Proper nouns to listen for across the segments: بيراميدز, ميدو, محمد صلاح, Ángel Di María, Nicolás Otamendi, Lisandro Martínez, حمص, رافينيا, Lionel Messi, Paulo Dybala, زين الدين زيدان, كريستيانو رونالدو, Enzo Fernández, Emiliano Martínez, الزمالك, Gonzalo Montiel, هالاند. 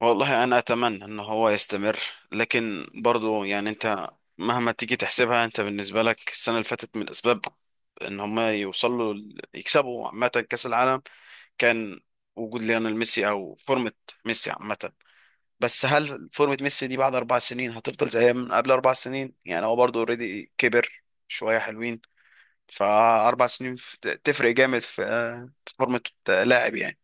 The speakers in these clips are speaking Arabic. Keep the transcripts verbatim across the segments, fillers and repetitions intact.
والله انا اتمنى ان هو يستمر. لكن برضو يعني انت مهما تيجي تحسبها انت بالنسبه لك السنه اللي فاتت من الاسباب ان هما يوصلوا ل- يكسبوا عامه كاس العالم، كان وجود ليونيل ميسي او فورمه ميسي عامه. بس هل فورمه ميسي دي بعد اربع سنين هتفضل زي من قبل اربع سنين؟ يعني هو برضو اوريدي كبر شويه حلوين. فاربع سنين ف- تفرق جامد في آه، في فورمه لاعب يعني.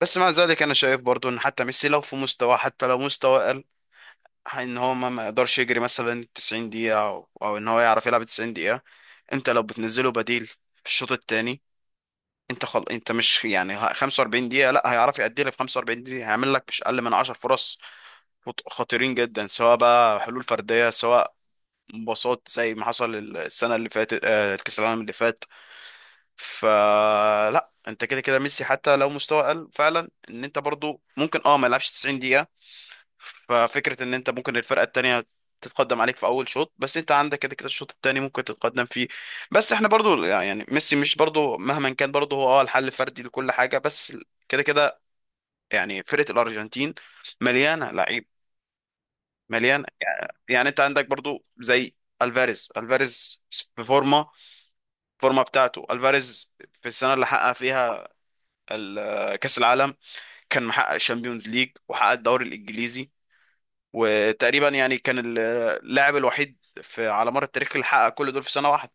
بس مع ذلك انا شايف برضو ان حتى ميسي لو في مستوى، حتى لو مستوى اقل، ان هو ما ما يقدرش يجري مثلا تسعين دقيقة او, أو ان هو يعرف يلعب تسعين دقيقة. انت لو بتنزله بديل في الشوط الثاني، انت خل... انت مش يعني ه- خمسة وأربعين دقيقة، لا هيعرف يأدي لك في خمسة وأربعين دقيقة هيعمل لك مش اقل من عشر فرص خط- خطيرين جدا، سواء بقى حلول فردية سواء مباصات زي ما حصل السنة اللي فاتت آه، كأس العالم اللي فات. فلا انت كده كده ميسي حتى لو مستوى قل فعلا ان انت برضو ممكن اه ما يلعبش تسعين دقيقة. ففكرة ان انت ممكن الفرقة التانية تتقدم عليك في اول شوط، بس انت عندك كده كده الشوط التاني ممكن تتقدم فيه. بس احنا برضو يعني ميسي مش برضو مهما كان برضو هو اه الحل الفردي لكل حاجة. بس كده كده يعني فرقة الارجنتين مليانة لعيب، مليانة. يعني انت عندك برضو زي الفاريز الفاريز في فورمة. الفورمة بتاعته الفاريز في السنة اللي حقق فيها ال- كأس العالم، كان محقق الشامبيونز ليج وحقق الدوري الإنجليزي، وتقريبا يعني كان ال- اللاعب الوحيد في على مر التاريخ اللي حقق كل دول في سنة واحدة.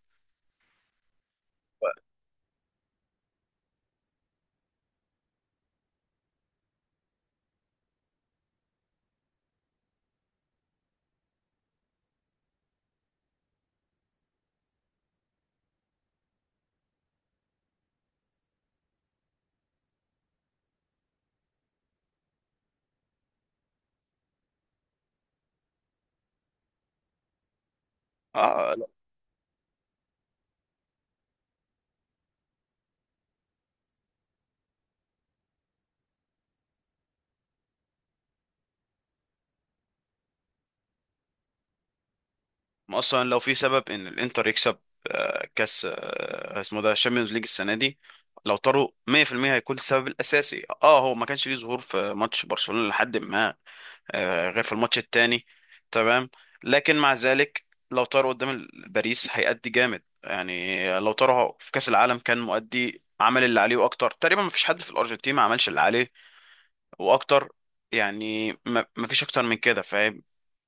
اه، لا. اصلا لو في سبب ان الانتر يكسب آه، كاس، آه، اسمه ده الشامبيونز ليج السنة دي، لو طاروا مية في المية هيكون السبب الأساسي. اه هو ما كانش ليه ظهور في ماتش برشلونة لحد ما آه، غير في الماتش التاني، تمام. لكن مع ذلك لو طار قدام ال- باريس هيأدي جامد. يعني لو طار في كأس العالم كان مؤدي، عمل اللي عليه واكتر. تقريبا مفيش حد في الارجنتين ما عملش اللي عليه واكتر. يعني ما- مفيش اكتر من كده فاهم؟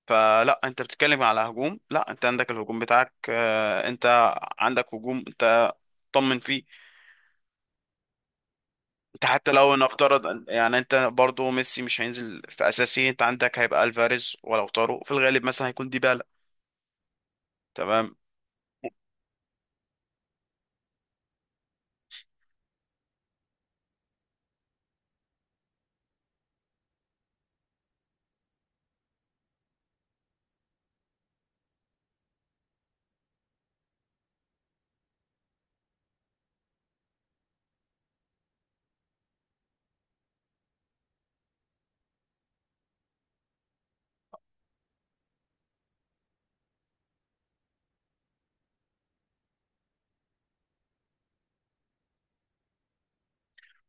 فلا انت بتتكلم على هجوم، لا انت عندك الهجوم بتاعك. آه، انت عندك هجوم انت طمن فيه. انت حتى لو نفترض يعني انت برضو ميسي مش هينزل في اساسي، انت عندك هيبقى الفاريز، ولو طاروا في الغالب مثلا هيكون ديبالا، تمام.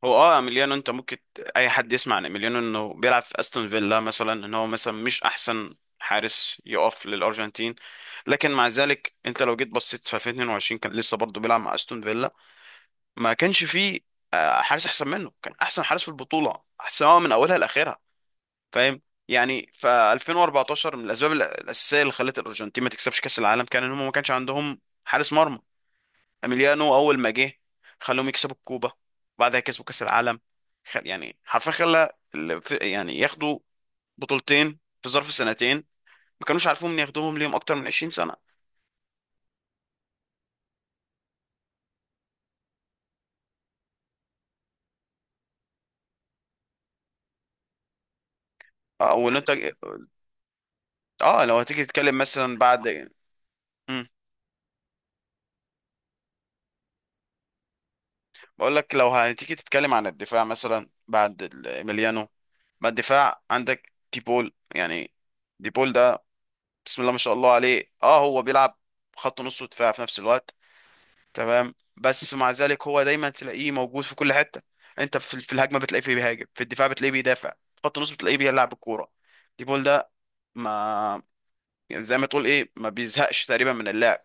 هو اه اميليانو انت ممكن ت- اي حد يسمع عن اميليانو انه بيلعب في استون فيلا مثلا، ان هو مثلا مش احسن حارس يقف للارجنتين. لكن مع ذلك انت لو جيت بصيت في الفين واتنين وعشرين كان لسه برضه بيلعب مع استون فيلا. ما كانش فيه آه، حارس احسن منه، كان احسن حارس في البطوله سواء من اولها لاخرها، فاهم؟ يعني ف ألفين وأربعة عشر من الاسباب الاساسيه اللي خلت الارجنتين ما تكسبش كاس العالم كان ان هم ما كانش عندهم حارس مرمى. اميليانو اول ما جه خلوهم يكسبوا الكوبا وبعدها كسبوا كاس العالم. خل... يعني حرفيا خلى ال- في- يعني ياخدوا بطولتين في ظرف سنتين ما كانوش عارفين ياخدوهم ليهم اكتر من عشرين سنه. اه وننتج. اه لو هتيجي تتكلم مثلا بعد، امم. بقول لك لو هتيجي تتكلم عن الدفاع مثلا بعد ال- اميليانو، ما الدفاع عندك ديبول يعني. ديبول ده بسم الله ما شاء الله عليه. اه هو بيلعب خط نص ودفاع في نفس الوقت تمام، بس مع ذلك هو دايما تلاقيه موجود في كل حته. انت في في الهجمه بتلاقيه في بيهاجم، في الدفاع بتلاقيه بيدافع، في خط النص بتلاقيه بيلعب الكوره. دي بول ده ما يعني زي ما تقول ايه ما بيزهقش تقريبا من اللعب.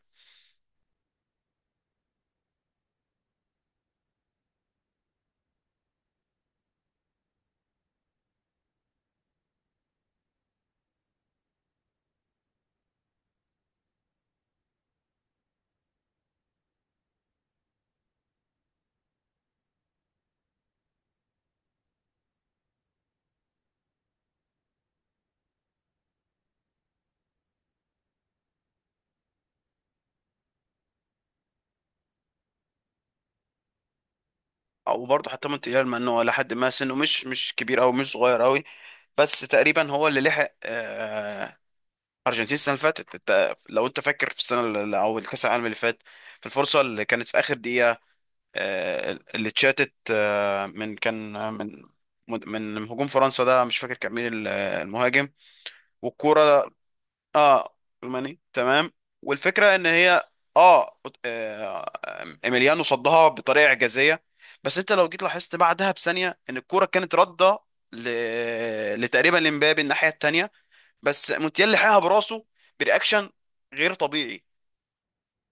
او برضه حتى مونتيال مع انه لحد ما سنه مش مش كبير او مش صغير قوي، بس تقريبا هو اللي لحق آه، ارجنتين السنه اللي فاتت. انت لو انت فاكر في السنه اللي- او الكاس العالم اللي فات، في الفرصه اللي كانت في اخر دقيقه آه، اللي اتشاتت آه، من كان آه، من من من هجوم فرنسا، ده مش فاكر كان مين ال- آه، المهاجم والكوره. اه، الماني تمام. والفكره ان هي اه آه، ايميليانو صدها بطريقه اعجازيه. بس انت لو جيت لاحظت بعدها بثانيه ان الكوره كانت رده ل... لتقريبا لمبابي الناحيه الثانيه. بس موتيال لحقها براسه برياكشن غير طبيعي.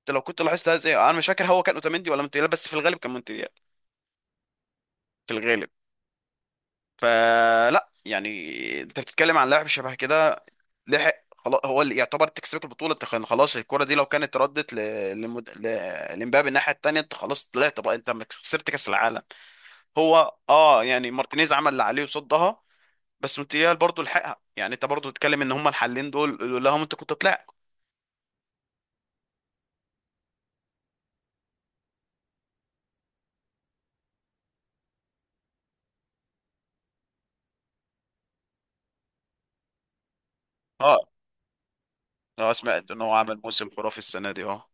انت لو كنت لاحظت هذا، انا مش فاكر هو كان اوتاميندي ولا مونتيال، بس في الغالب كان مونتيال، في الغالب. فلا يعني انت بتتكلم عن لاعب شبه كده لحق. خلاص هو اللي يعتبر تكسبك البطوله انت. كان خلاص الكره دي لو كانت ردت ل... لمد... ل... لمبابي الناحيه التانيه انت خلاص طلعت، بقى انت خسرت كاس العالم. هو اه يعني مارتينيز عمل اللي عليه وصدها، بس مونتيال برضه لحقها. يعني انت برضه بتتكلم ان هما الحلين دول لولاهم انت كنت طلعت. اه. اه سمعت ان هو عمل موسم خرافي السنه دي اه.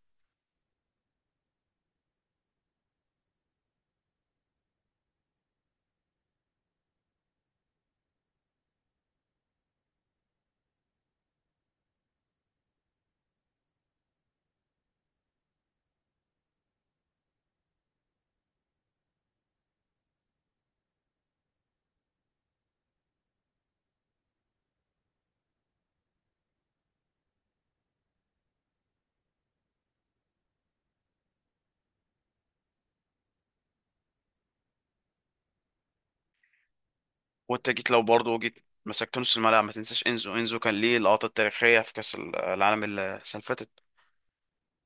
وانت جيت، لو برضه جيت مسكت نص الملعب، ما تنساش انزو. انزو كان ليه اللقطه التاريخيه في كاس العالم السنه اللي فاتت.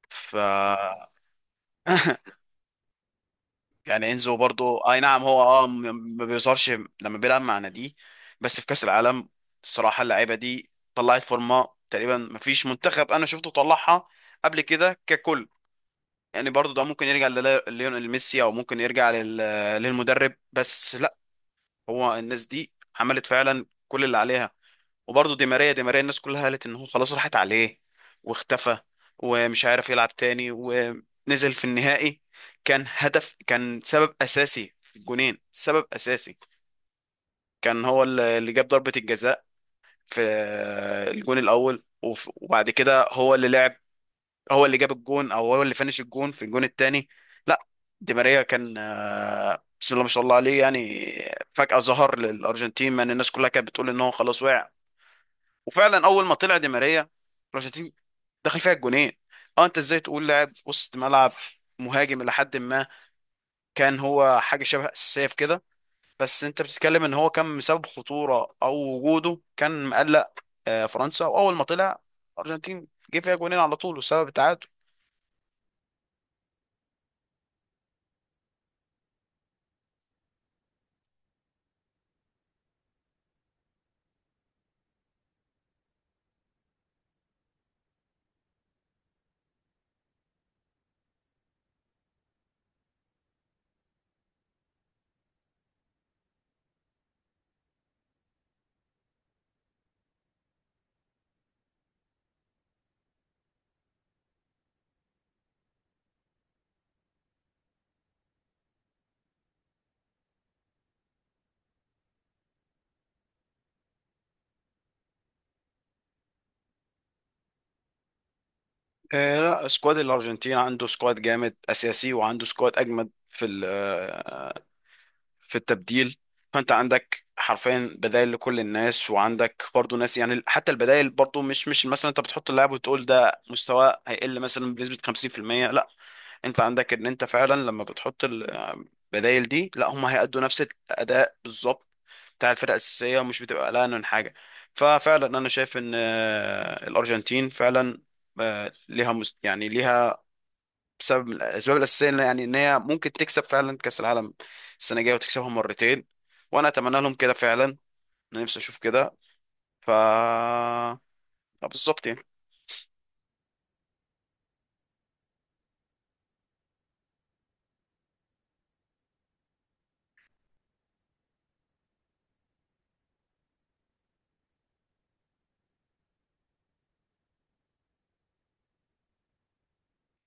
ف يعني انزو برضو اي نعم هو اه م- ما بيظهرش لما بيلعب مع ناديه. بس في كاس العالم الصراحه اللعيبه دي طلعت فورمه تقريبا ما فيش منتخب انا شفته طلعها قبل كده ككل. يعني برضو ده ممكن يرجع للا- لليونيل ميسي او ممكن يرجع لل... للمدرب، بس لا هو الناس دي عملت فعلا كل اللي عليها. وبرضه دي ماريا، دي ماريا الناس كلها قالت ان هو خلاص راحت عليه واختفى ومش عارف يلعب تاني، ونزل في النهائي كان هدف، كان سبب اساسي في الجونين، سبب اساسي. كان هو اللي جاب ضربة الجزاء في الجون الاول، وف- وبعد كده هو اللي لعب، هو اللي جاب الجون او هو اللي فنش الجون في الجون التاني. لا، دي ماريا كان آه، بسم الله ما شاء الله عليه يعني. فجأة ظهر للأرجنتين مع إن الناس كلها كانت بتقول إن هو خلاص وقع. وفعلا اول ما طلع دي ماريا الارجنتين دخل فيها الجونين. اه انت ازاي تقول لاعب وسط ملعب مهاجم الى حد ما، كان هو حاجه شبه اساسيه في كده. بس انت بتتكلم ان هو كان مسبب خطوره، او وجوده كان مقلق آه، فرنسا. واول ما طلع الارجنتين جه فيها جونين على طول وسبب التعادل. آه لا. سكواد الارجنتين عنده سكواد جامد اساسي وعنده سكواد اجمد في ال- آه، في التبديل. فانت عندك حرفيا بدائل لكل الناس، وعندك برضو ناس يعني حتى البدائل برضو مش مش مثلا، انت بتحط اللاعب وتقول ده مستواه هيقل مثلا بنسبة خمسين في المية. لا، انت عندك ان انت فعلا لما بتحط البدائل دي لا هم هيأدوا نفس الأداء بالظبط بتاع الفرقة الأساسية، ومش بتبقى قلقان من حاجة. ففعلا انا شايف ان آه، الأرجنتين فعلا آه، ليها مس- يعني ليها بسبب الاسباب الاساسيه إن- يعني ان هي ممكن تكسب فعلا كاس العالم السنه الجايه وتكسبها مرتين. وانا اتمنى لهم كده فعلا، انا نفسي اشوف كده. ف آه، بالظبط يعني.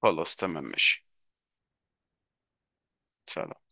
خلاص تمام ماشي. سلام.